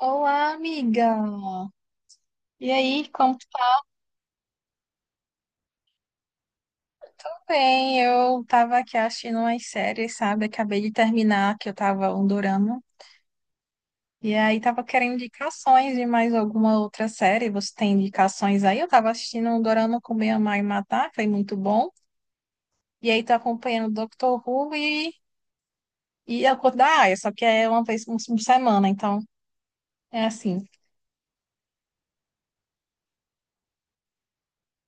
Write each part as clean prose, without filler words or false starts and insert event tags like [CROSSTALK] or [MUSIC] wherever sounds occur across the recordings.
Olá, amiga. E aí, como tu tá? Tudo bem? Eu tava aqui assistindo umas séries, sabe? Acabei de terminar, que eu tava um dorama. E aí tava querendo indicações de mais alguma outra série. Você tem indicações aí? Eu tava assistindo um dorama com minha mãe matar, foi muito bom. E aí tô acompanhando o Doctor Who e a Cor da Aia, só que é uma vez por semana, então é assim.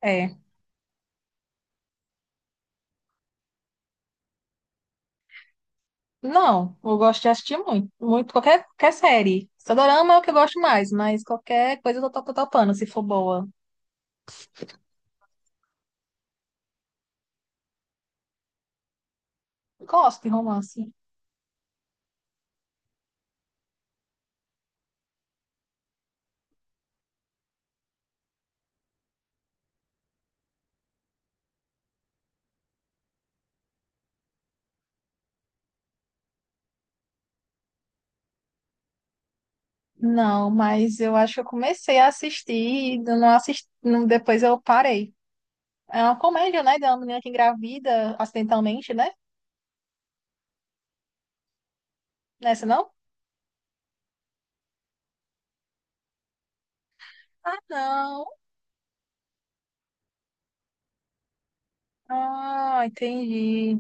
É. Não, eu gosto de assistir muito, muito qualquer qualquer série. Só dorama é o que eu gosto mais, mas qualquer coisa eu tô, topando, se for boa. Gosto de romance. Não, mas eu acho que eu comecei a assistir e eu não assisti, depois eu parei. É uma comédia, né, de uma menina que engravida acidentalmente, né? Nessa não? Ah, não. Ah, entendi.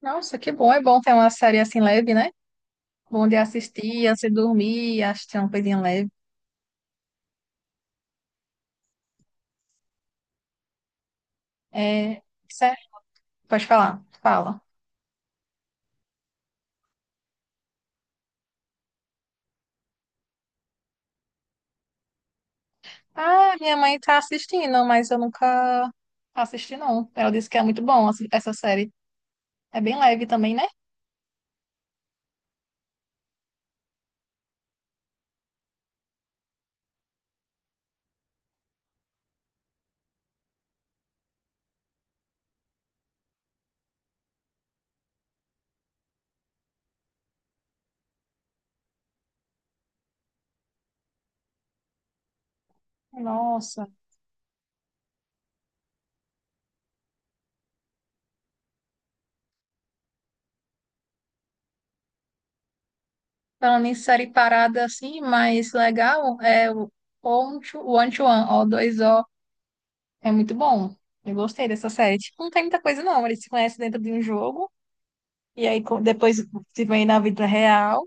Nossa, que bom. É bom ter uma série assim leve, né? Bom de assistir, antes de dormir, assistir uma coisinha leve. É, certo. Pode falar. Fala. Ah, minha mãe tá assistindo, mas eu nunca assisti, não. Ela disse que é muito bom assim, essa série. É bem leve também, né? Nossa. Falando em série parada assim, mais legal, é o One to One, O2O. É muito bom. Eu gostei dessa série. Tipo, não tem muita coisa, não. Eles se conhecem dentro de um jogo, e aí depois se vêm na vida real.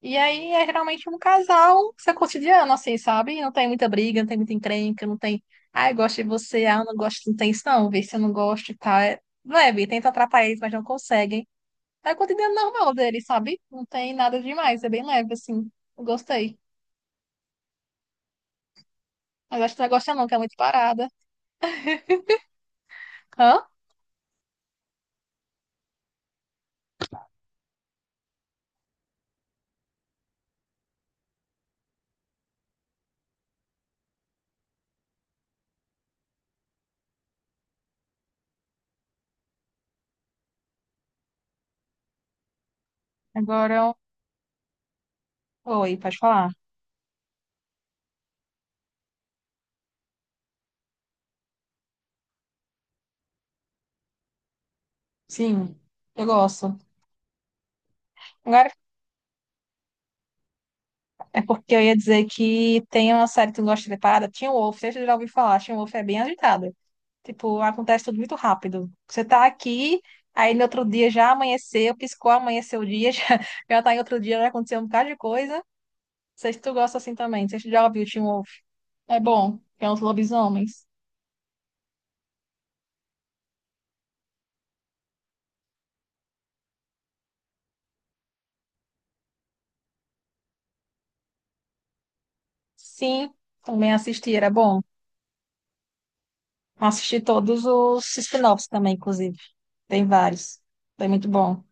E aí é geralmente um casal, seu cotidiano, assim, sabe? Não tem muita briga, não tem muita encrenca, não tem. Ah, eu gosto de você, ah, eu não gosto, não tem isso, não, vê se eu não gosto e tal. É leve, tenta atrapalhar eles, mas não conseguem. É o cotidiano normal deles, sabe? Não tem nada demais, é bem leve, assim. Eu gostei. Mas acho que tu não gosta, não, que é muito parada. Hã? Agora eu. Oi, pode falar? Sim, eu gosto. Agora é porque eu ia dizer que tem uma série que tu gosta de ver parada, Teen Wolf, você já ouviu falar, Teen Wolf é bem agitada. Tipo, acontece tudo muito rápido. Você tá aqui, aí no outro dia já amanheceu, piscou, amanheceu o dia, [LAUGHS] já, já tá em outro dia, já aconteceu um bocado de coisa. Não sei se tu gosta assim também. Não sei se tu já ouviu o Teen Wolf. É bom. Que é uns lobisomens. Sim, também assisti, era bom. Assisti todos os spin-offs também, inclusive. Tem vários. Foi muito bom.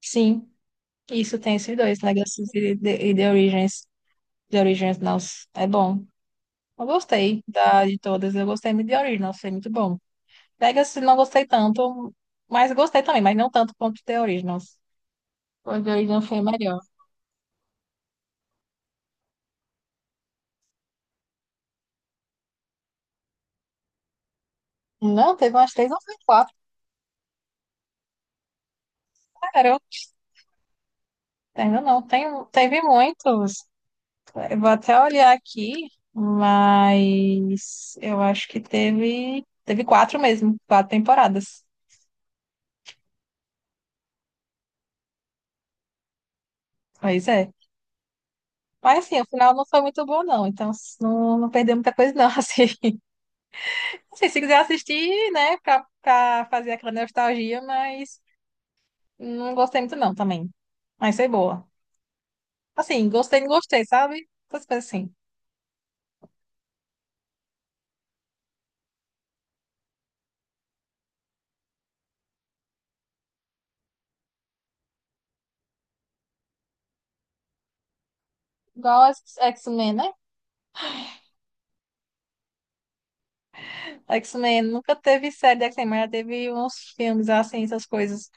Sim, isso tem esses dois, Legacy e The Origins. The Origins, nossa, é bom. Eu gostei da, de todas. Eu gostei muito de Originals, foi muito bom. Legacy não gostei tanto, mas gostei também, mas não tanto quanto The Originals. O The Originals foi melhor. Não, teve umas três ou foi quatro, cara. Eu ainda não, tem, teve muitos. Eu vou até olhar aqui, mas eu acho que teve, quatro mesmo, quatro temporadas. Pois é. Mas assim, o final não foi muito bom, não. Então não, perdeu muita coisa, não. [LAUGHS] Assim, assim, se quiser assistir, né, pra, fazer aquela nostalgia, mas não gostei muito, não, também. Mas foi boa. Assim, gostei, não gostei, sabe? Essas coisas assim. Igual as X-Men, né? X-Men nunca teve série de X-Men, mas teve uns filmes assim, essas coisas.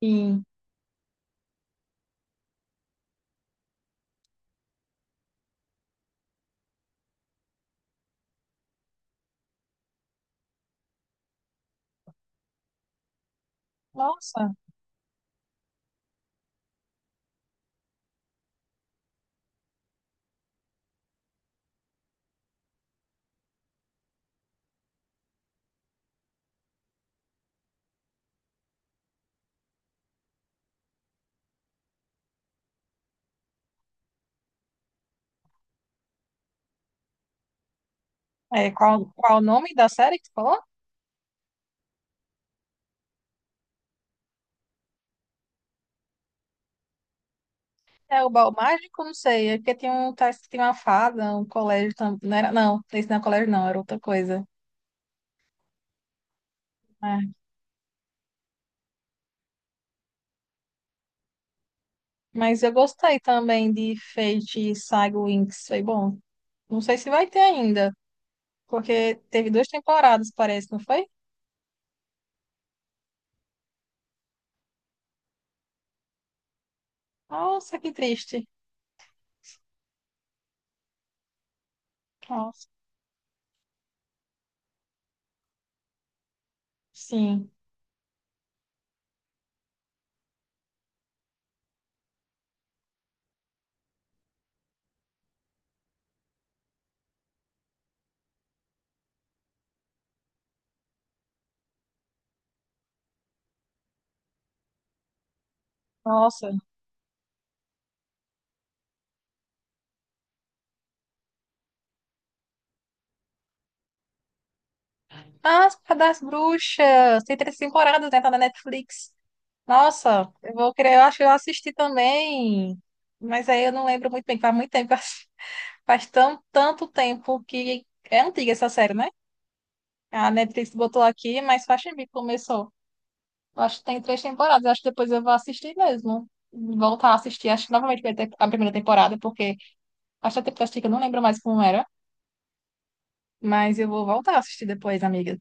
E, nossa, é, qual, o nome da série que tu falou? É o Bal Mágico? Não sei. É porque tem um, tá, tem uma fada, um colégio também. Não era, não, esse não é colégio, não, era outra coisa. É. Mas eu gostei também de Fate e Saga Winx, foi bom. Não sei se vai ter ainda, porque teve duas temporadas, parece, não foi? Nossa, que triste. Sim. Nossa. Ah, As Cadas das Bruxas. Tem três temporadas, né? Tá na Netflix. Nossa, eu vou querer, eu acho que eu assisti também. Mas aí eu não lembro muito bem, faz muito tempo. [LAUGHS] que eu assisti. Faz tão, tanto tempo que é antiga essa série, né? A Netflix botou aqui, mas faz tempo que começou. Eu acho que tem três temporadas. Eu acho que depois eu vou assistir mesmo. Voltar a assistir. Acho que novamente vai ter a primeira temporada, porque acho que a temporada que eu não lembro mais como era. Mas eu vou voltar a assistir depois, amiga.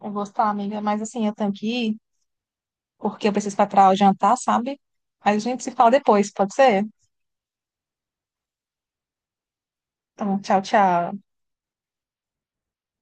Eu vou estar, amiga, mas assim, eu tenho que ir, porque eu preciso preparar o jantar, sabe? Mas a gente se fala depois, pode ser? Então, tchau, tchau.